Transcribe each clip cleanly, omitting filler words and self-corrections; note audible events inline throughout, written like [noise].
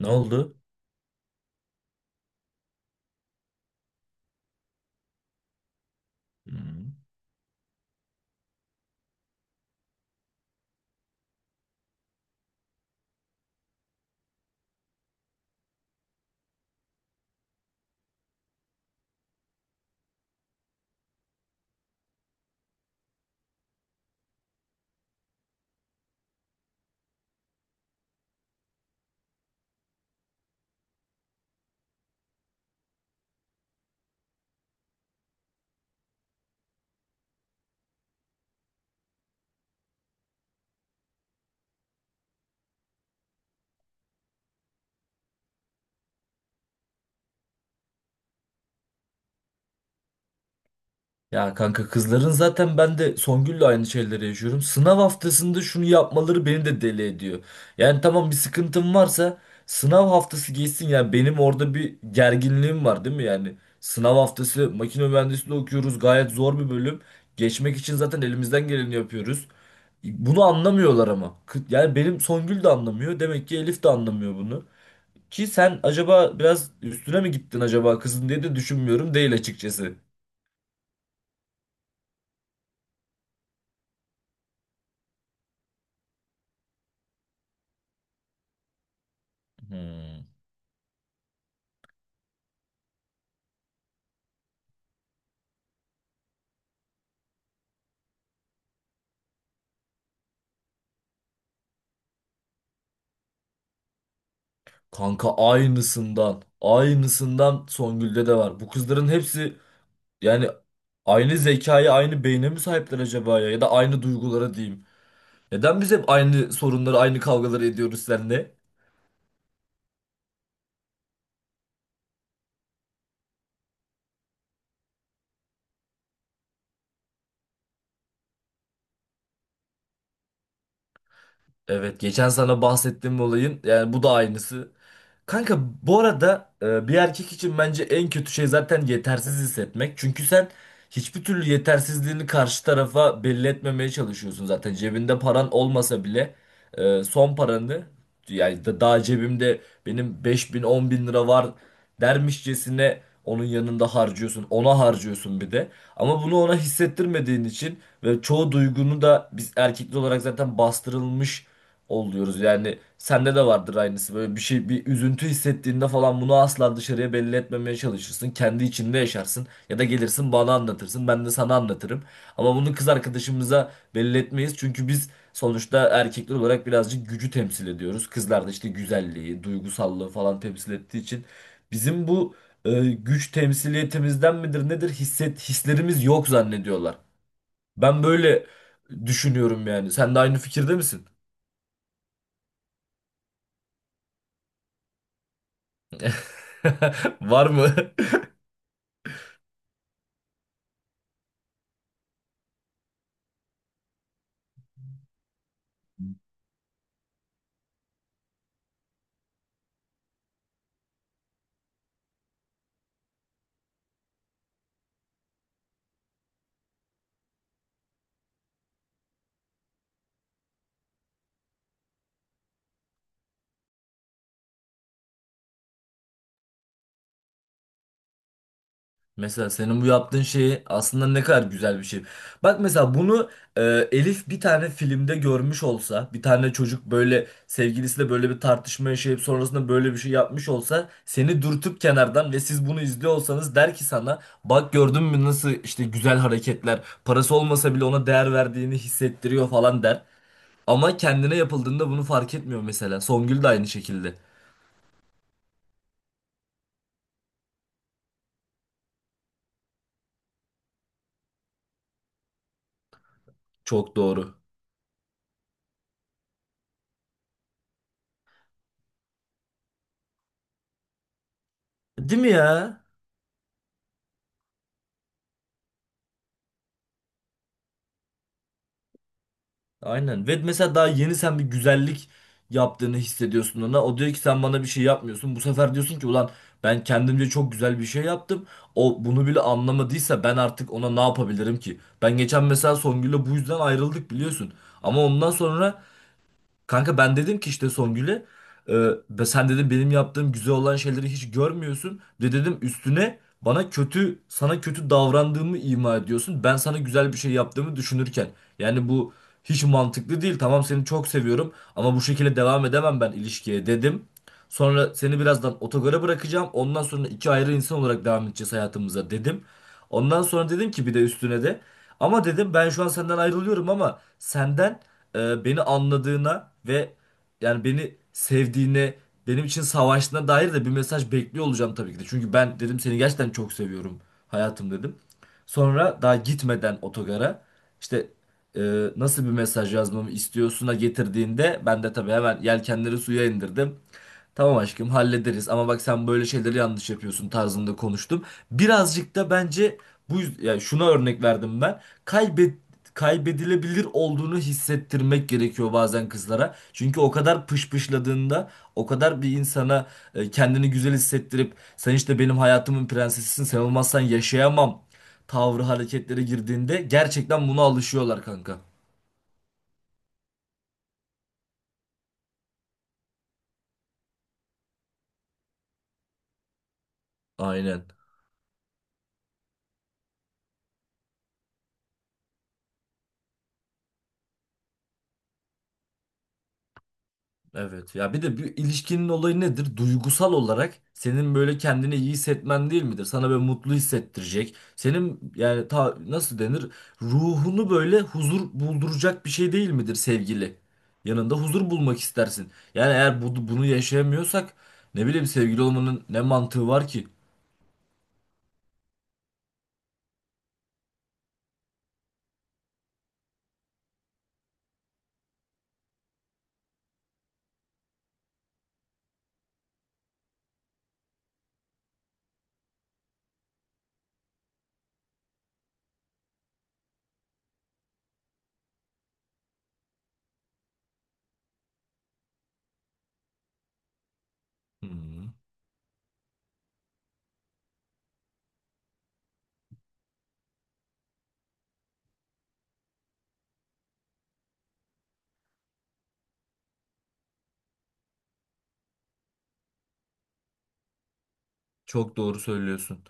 Ne oldu? Hmm. Ya kanka kızların zaten ben de Songül'le aynı şeyleri yaşıyorum. Sınav haftasında şunu yapmaları beni de deli ediyor. Yani tamam bir sıkıntım varsa sınav haftası geçsin, yani benim orada bir gerginliğim var, değil mi? Yani sınav haftası, makine mühendisliği okuyoruz, gayet zor bir bölüm. Geçmek için zaten elimizden geleni yapıyoruz. Bunu anlamıyorlar ama. Yani benim Songül de anlamıyor. Demek ki Elif de anlamıyor bunu. Ki sen acaba biraz üstüne mi gittin acaba kızın diye de düşünmüyorum değil, açıkçası. Hmm. Kanka, aynısından. Aynısından Songül'de de var. Bu kızların hepsi, yani aynı zekaya, aynı beyne mi sahipler acaba ya? Ya da aynı duygulara diyeyim. Neden biz hep aynı sorunları, aynı kavgaları ediyoruz seninle? Evet, geçen sana bahsettiğim olayın, yani bu da aynısı. Kanka, bu arada bir erkek için bence en kötü şey zaten yetersiz hissetmek. Çünkü sen hiçbir türlü yetersizliğini karşı tarafa belli etmemeye çalışıyorsun zaten. Cebinde paran olmasa bile, son paranı, yani daha cebimde benim 5 bin 10 bin lira var dermişçesine onun yanında harcıyorsun. Ona harcıyorsun bir de. Ama bunu ona hissettirmediğin için ve çoğu duygunu da biz erkekli olarak zaten bastırılmış oluyoruz. Yani sende de vardır aynısı. Böyle bir şey, bir üzüntü hissettiğinde falan bunu asla dışarıya belli etmemeye çalışırsın. Kendi içinde yaşarsın ya da gelirsin bana anlatırsın. Ben de sana anlatırım. Ama bunu kız arkadaşımıza belli etmeyiz. Çünkü biz sonuçta erkekler olarak birazcık gücü temsil ediyoruz. Kızlar da işte güzelliği, duygusallığı falan temsil ettiği için, bizim bu güç temsiliyetimizden midir nedir hislerimiz yok zannediyorlar. Ben böyle düşünüyorum yani. Sen de aynı fikirde misin? [laughs] Var mı? [laughs] Mesela senin bu yaptığın şeyi, aslında ne kadar güzel bir şey. Bak mesela bunu, e, Elif bir tane filmde görmüş olsa, bir tane çocuk böyle sevgilisiyle böyle bir tartışma yaşayıp sonrasında böyle bir şey yapmış olsa, seni dürtüp kenardan ve siz bunu izliyor olsanız, der ki sana, bak gördün mü nasıl işte güzel hareketler, parası olmasa bile ona değer verdiğini hissettiriyor falan der. Ama kendine yapıldığında bunu fark etmiyor mesela. Songül de aynı şekilde. Çok doğru. Değil mi ya? Aynen. Ve mesela daha yeni sen bir güzellik yaptığını hissediyorsun ona. O diyor ki sen bana bir şey yapmıyorsun. Bu sefer diyorsun ki ulan, ben kendimce çok güzel bir şey yaptım. O bunu bile anlamadıysa ben artık ona ne yapabilirim ki? Ben geçen mesela Songül'le bu yüzden ayrıldık, biliyorsun. Ama ondan sonra kanka, ben dedim ki işte Songül'e, e, sen dedim benim yaptığım güzel olan şeyleri hiç görmüyorsun. Bir de dedim üstüne bana kötü, sana kötü davrandığımı ima ediyorsun. Ben sana güzel bir şey yaptığımı düşünürken. Yani bu hiç mantıklı değil. Tamam, seni çok seviyorum ama bu şekilde devam edemem ben ilişkiye, dedim. Sonra seni birazdan otogara bırakacağım. Ondan sonra iki ayrı insan olarak devam edeceğiz hayatımıza, dedim. Ondan sonra dedim ki bir de üstüne de, ama dedim ben şu an senden ayrılıyorum ama senden beni anladığına ve, yani beni sevdiğine, benim için savaştığına dair de bir mesaj bekliyor olacağım tabii ki de. Çünkü ben dedim seni gerçekten çok seviyorum hayatım, dedim. Sonra daha gitmeden otogara, işte, e, nasıl bir mesaj yazmamı istiyorsuna getirdiğinde, ben de tabii hemen yelkenleri suya indirdim. Tamam aşkım, hallederiz ama bak sen böyle şeyleri yanlış yapıyorsun tarzında konuştum. Birazcık da bence bu yani şuna örnek verdim ben. Kaybedilebilir olduğunu hissettirmek gerekiyor bazen kızlara. Çünkü o kadar pışpışladığında, o kadar bir insana kendini güzel hissettirip sen işte benim hayatımın prensesisin, sen olmazsan yaşayamam tavrı hareketlere girdiğinde gerçekten buna alışıyorlar kanka. Aynen. Evet ya, bir de bir ilişkinin olayı nedir? Duygusal olarak senin böyle kendini iyi hissetmen değil midir? Sana böyle mutlu hissettirecek. Senin yani nasıl denir? Ruhunu böyle huzur bulduracak bir şey değil midir sevgili? Yanında huzur bulmak istersin. Yani eğer bunu yaşayamıyorsak, ne bileyim, sevgili olmanın ne mantığı var ki? Hmm, çok doğru söylüyorsun.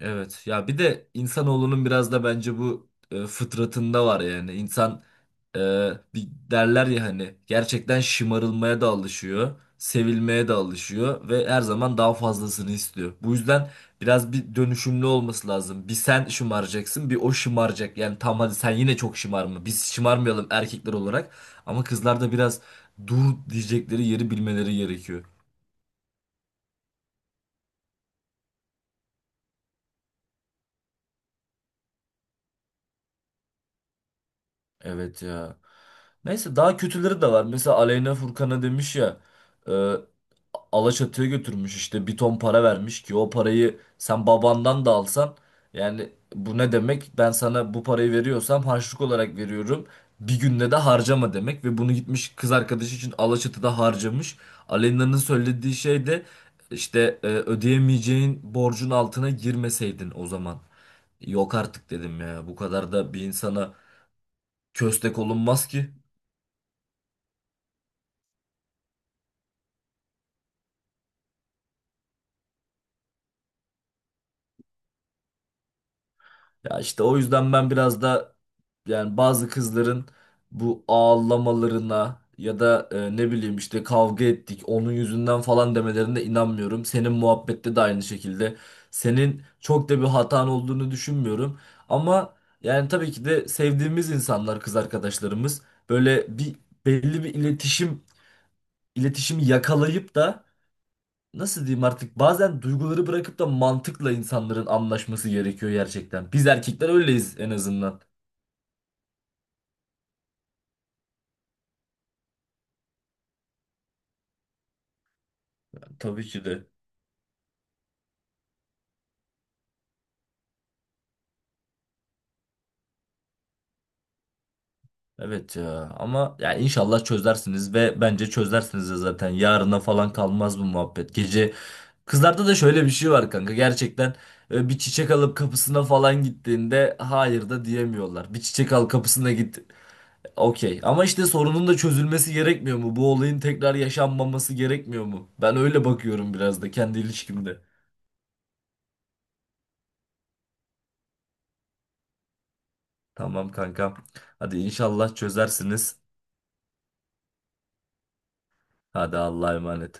Evet ya, bir de insanoğlunun biraz da bence bu fıtratında var yani. İnsan, bir derler ya hani, gerçekten şımarılmaya da alışıyor, sevilmeye de alışıyor ve her zaman daha fazlasını istiyor. Bu yüzden biraz bir dönüşümlü olması lazım. Bir sen şımaracaksın, bir o şımaracak. Yani tamam, hadi sen yine çok şımarma. Biz şımarmayalım erkekler olarak ama kızlar da biraz dur diyecekleri yeri bilmeleri gerekiyor. Evet ya. Neyse, daha kötüleri de var. Mesela Aleyna, Furkan'a demiş ya, e, Alaçatı'ya götürmüş, işte bir ton para vermiş ki o parayı sen babandan da alsan, yani bu ne demek? Ben sana bu parayı veriyorsam harçlık olarak veriyorum. Bir günde de harcama demek, ve bunu gitmiş kız arkadaşı için Alaçatı'da harcamış. Aleyna'nın söylediği şey de işte, ödeyemeyeceğin borcun altına girmeseydin o zaman. Yok artık, dedim ya. Bu kadar da bir insana köstek olunmaz ki. Ya işte o yüzden ben biraz da, yani bazı kızların bu ağlamalarına ya da, ne bileyim işte kavga ettik onun yüzünden falan demelerine inanmıyorum. Senin muhabbette de aynı şekilde. Senin çok da bir hatan olduğunu düşünmüyorum. Ama yani tabii ki de sevdiğimiz insanlar, kız arkadaşlarımız, böyle bir belli bir iletişimi yakalayıp da, nasıl diyeyim artık, bazen duyguları bırakıp da mantıkla insanların anlaşması gerekiyor gerçekten. Biz erkekler öyleyiz en azından. Tabii ki de. Evet ya, ama ya inşallah çözersiniz ve bence çözersiniz de zaten, yarına falan kalmaz bu muhabbet. Gece. Kızlarda da şöyle bir şey var kanka gerçekten, bir çiçek alıp kapısına falan gittiğinde hayır da diyemiyorlar. Bir çiçek al, kapısına git. Okey. Ama işte sorunun da çözülmesi gerekmiyor mu? Bu olayın tekrar yaşanmaması gerekmiyor mu? Ben öyle bakıyorum biraz da kendi ilişkimde. Tamam kanka. Hadi inşallah çözersiniz. Hadi Allah'a emanet.